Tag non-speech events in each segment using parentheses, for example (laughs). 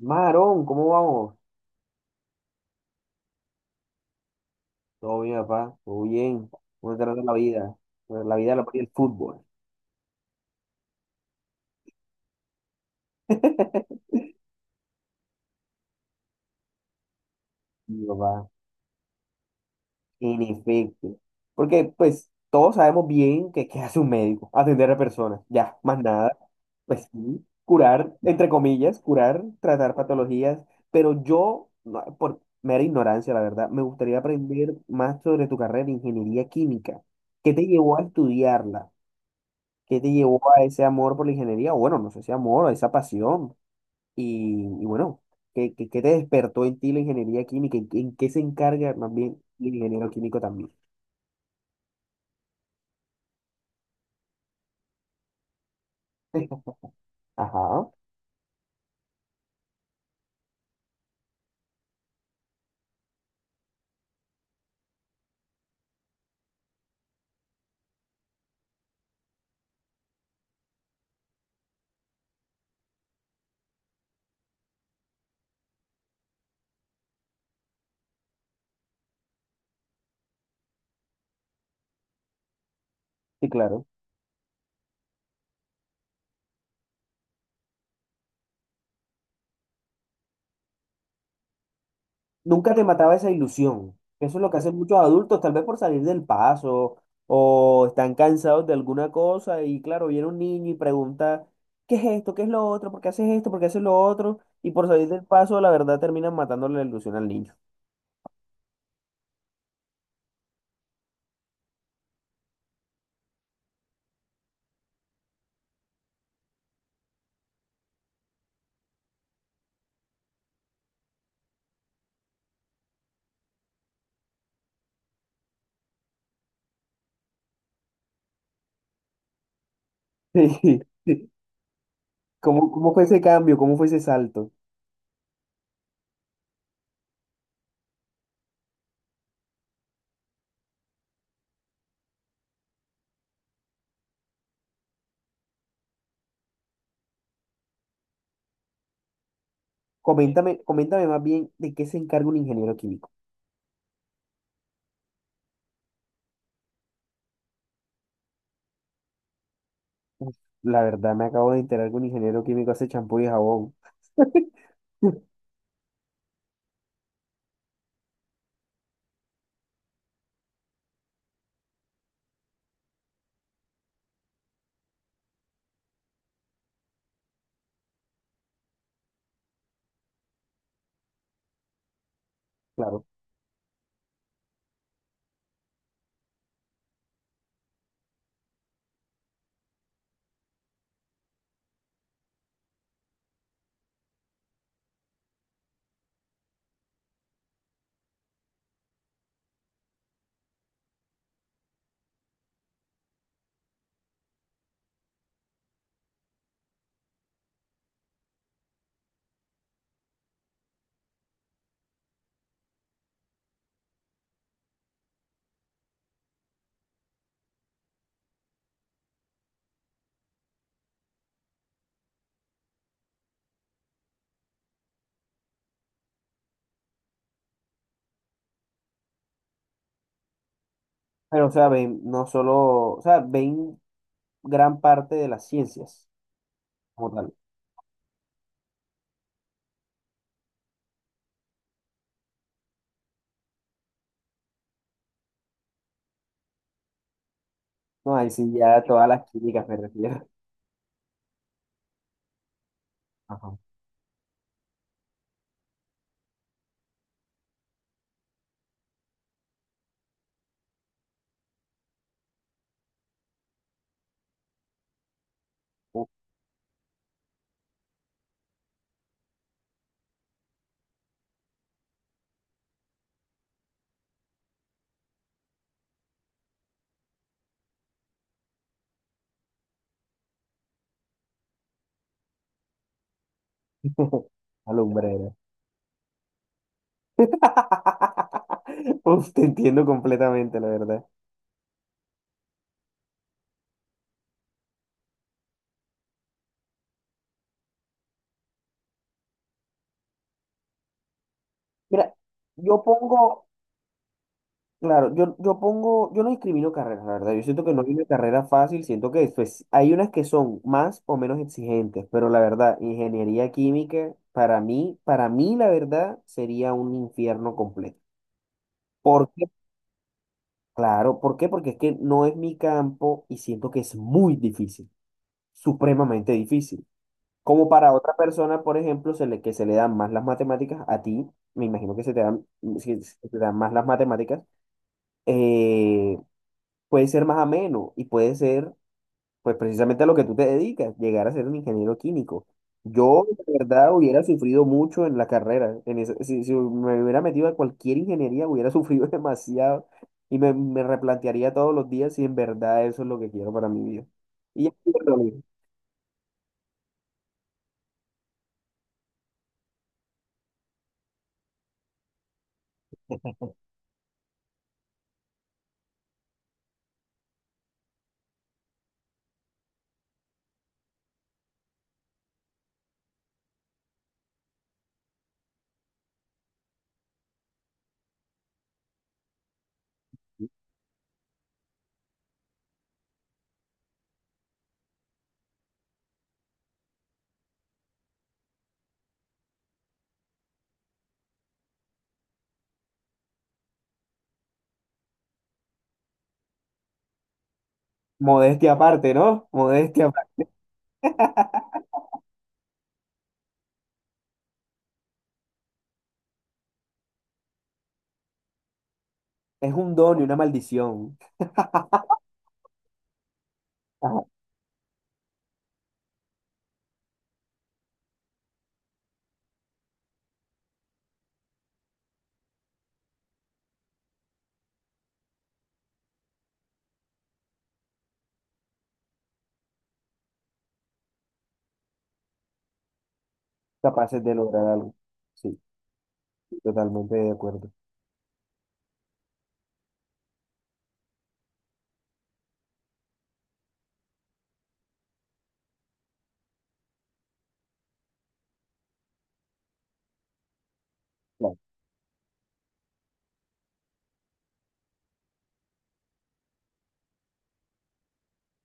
Marón, ¿cómo vamos? Todo bien, papá, todo bien. ¿Cómo te trata la vida? Pues, la vida la pone el fútbol. (laughs) Sí, papá, en efecto. Porque, pues, todos sabemos bien que qué hace un médico, atender a personas, ya, más nada. Pues sí, curar, entre comillas, curar, tratar patologías. Pero yo, no, por mera ignorancia, la verdad, me gustaría aprender más sobre tu carrera de ingeniería química. ¿Qué te llevó a estudiarla? ¿Qué te llevó a ese amor por la ingeniería? O bueno, no sé si amor, a esa pasión. Y bueno, ¿qué te despertó en ti la ingeniería química? En qué se encarga más bien el ingeniero químico también? (laughs) Ajá, sí, claro. Nunca te mataba esa ilusión. Eso es lo que hacen muchos adultos, tal vez por salir del paso o están cansados de alguna cosa y claro, viene un niño y pregunta, ¿qué es esto? ¿Qué es lo otro? ¿Por qué haces esto? ¿Por qué haces lo otro? Y por salir del paso, la verdad, terminan matándole la ilusión al niño. (laughs) Sí. ¿Cómo, cómo fue ese cambio? ¿Cómo fue ese salto? Coméntame, coméntame más bien de qué se encarga un ingeniero químico. Uf, la verdad, me acabo de enterar que un ingeniero químico hace champú y jabón. (laughs) Claro. Pero, o sea, ven, no solo, o sea, ven gran parte de las ciencias como tal. No, ahí sí ya todas las químicas me refiero. Ajá. (laughs) Alumbrera. (laughs) Uf, te entiendo completamente, la verdad. Mira, yo pongo, claro, yo pongo, yo no discrimino carreras, la verdad. Yo siento que no hay una carrera fácil, siento que pues, hay unas que son más o menos exigentes, pero la verdad, ingeniería química, para mí, la verdad, sería un infierno completo. ¿Por qué? Claro, ¿por qué? Porque es que no es mi campo y siento que es muy difícil, supremamente difícil. Como para otra persona, por ejemplo, se le, que se le dan más las matemáticas, a ti, me imagino que se te dan, se te dan más las matemáticas. eh, Puede ser más ameno y puede ser, pues precisamente a lo que tú te dedicas, llegar a ser un ingeniero químico. Yo, de verdad, hubiera sufrido mucho en la carrera. En esa- si, si me hubiera metido a cualquier ingeniería, hubiera sufrido (laughs) demasiado y me replantearía todos los días si en verdad eso es lo que quiero para mi vida. Y ya, bueno, modestia aparte, ¿no? Modestia aparte. Es un don y una maldición. Ajá, capaces de lograr algo. Sí, totalmente de acuerdo.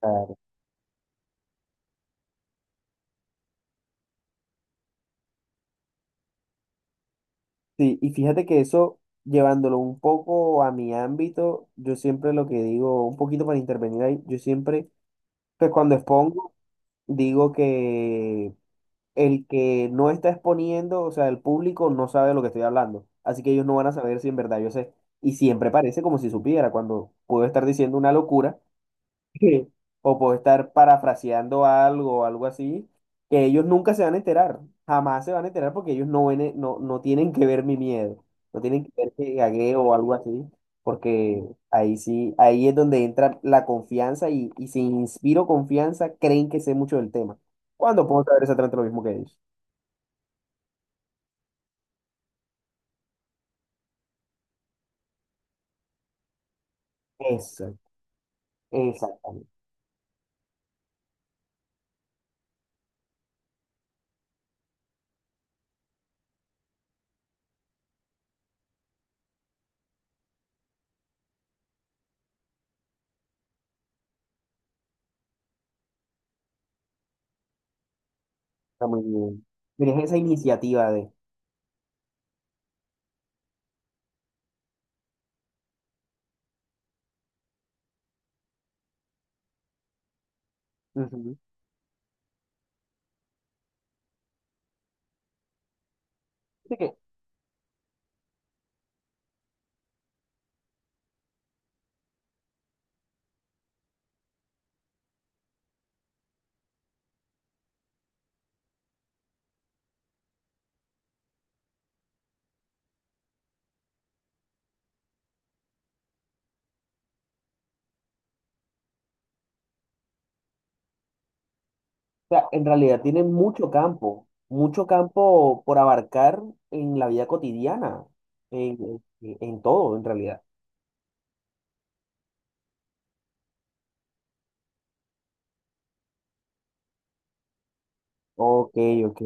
Claro. Sí, y fíjate que eso, llevándolo un poco a mi ámbito, yo siempre lo que digo, un poquito para intervenir ahí, yo siempre, pues cuando expongo, digo que el que no está exponiendo, o sea, el público no sabe de lo que estoy hablando, así que ellos no van a saber si en verdad yo sé. Y siempre parece como si supiera, cuando puedo estar diciendo una locura. (laughs) Sí. O puedo estar parafraseando algo o algo así, que ellos nunca se van a enterar, jamás se van a enterar porque ellos no ven, e- no, no tienen que ver mi miedo, no tienen que ver que gagueo o algo así, porque ahí sí, ahí es donde entra la confianza y si inspiro confianza, creen que sé mucho del tema. ¿Cuándo puedo saber exactamente lo mismo que ellos? Exacto, exactamente, está muy bien. Tienes esa iniciativa de... Ujú. Sea, en realidad tiene mucho campo por abarcar en la vida cotidiana, en todo, en realidad. Ok, ok.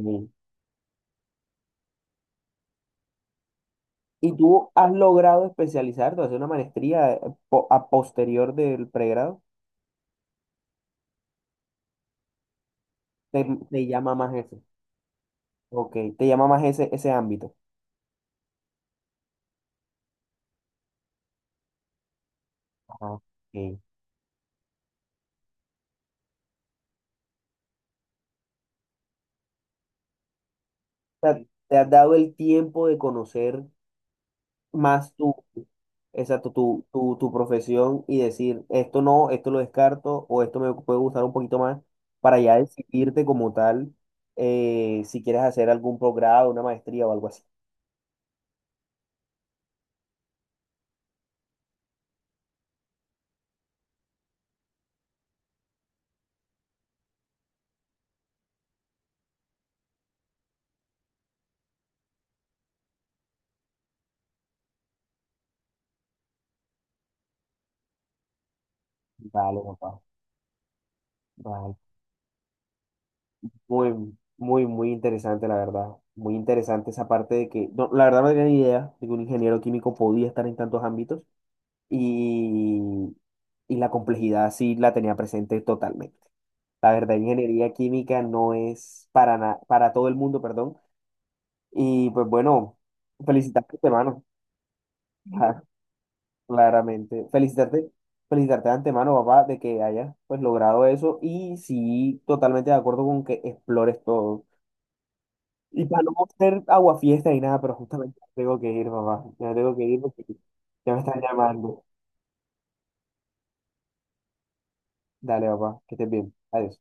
¿Y tú has logrado especializarte, hacer una maestría po- a posterior del pregrado? ¿Te, te llama más ese... Ok, te llama más ese, ese ámbito. Ajá. Ok. O sea, te has dado el tiempo de conocer más... Exacto, tu profesión y decir, esto no, esto lo descarto o esto me puede gustar un poquito más, para ya decidirte como tal, si quieres hacer algún progrado, una maestría o algo así. Vale, papá. Vale. Muy, muy, muy interesante, la verdad. Muy interesante esa parte de que, no, la verdad no tenía ni idea de que un ingeniero químico podía estar en tantos ámbitos y, y la complejidad sí la tenía presente totalmente. La verdad, ingeniería química no es para, na- para todo el mundo, perdón. Y pues bueno, felicitarte de antemano, (laughs) claramente. Felicitarte, felicitarte de antemano, papá, de que hayas pues logrado eso. Y sí, totalmente de acuerdo con que explores todo. Y para no hacer aguafiesta y nada, pero justamente ya tengo que ir, papá. Ya tengo que ir porque ya me están llamando. Dale, papá, que estés bien. Adiós.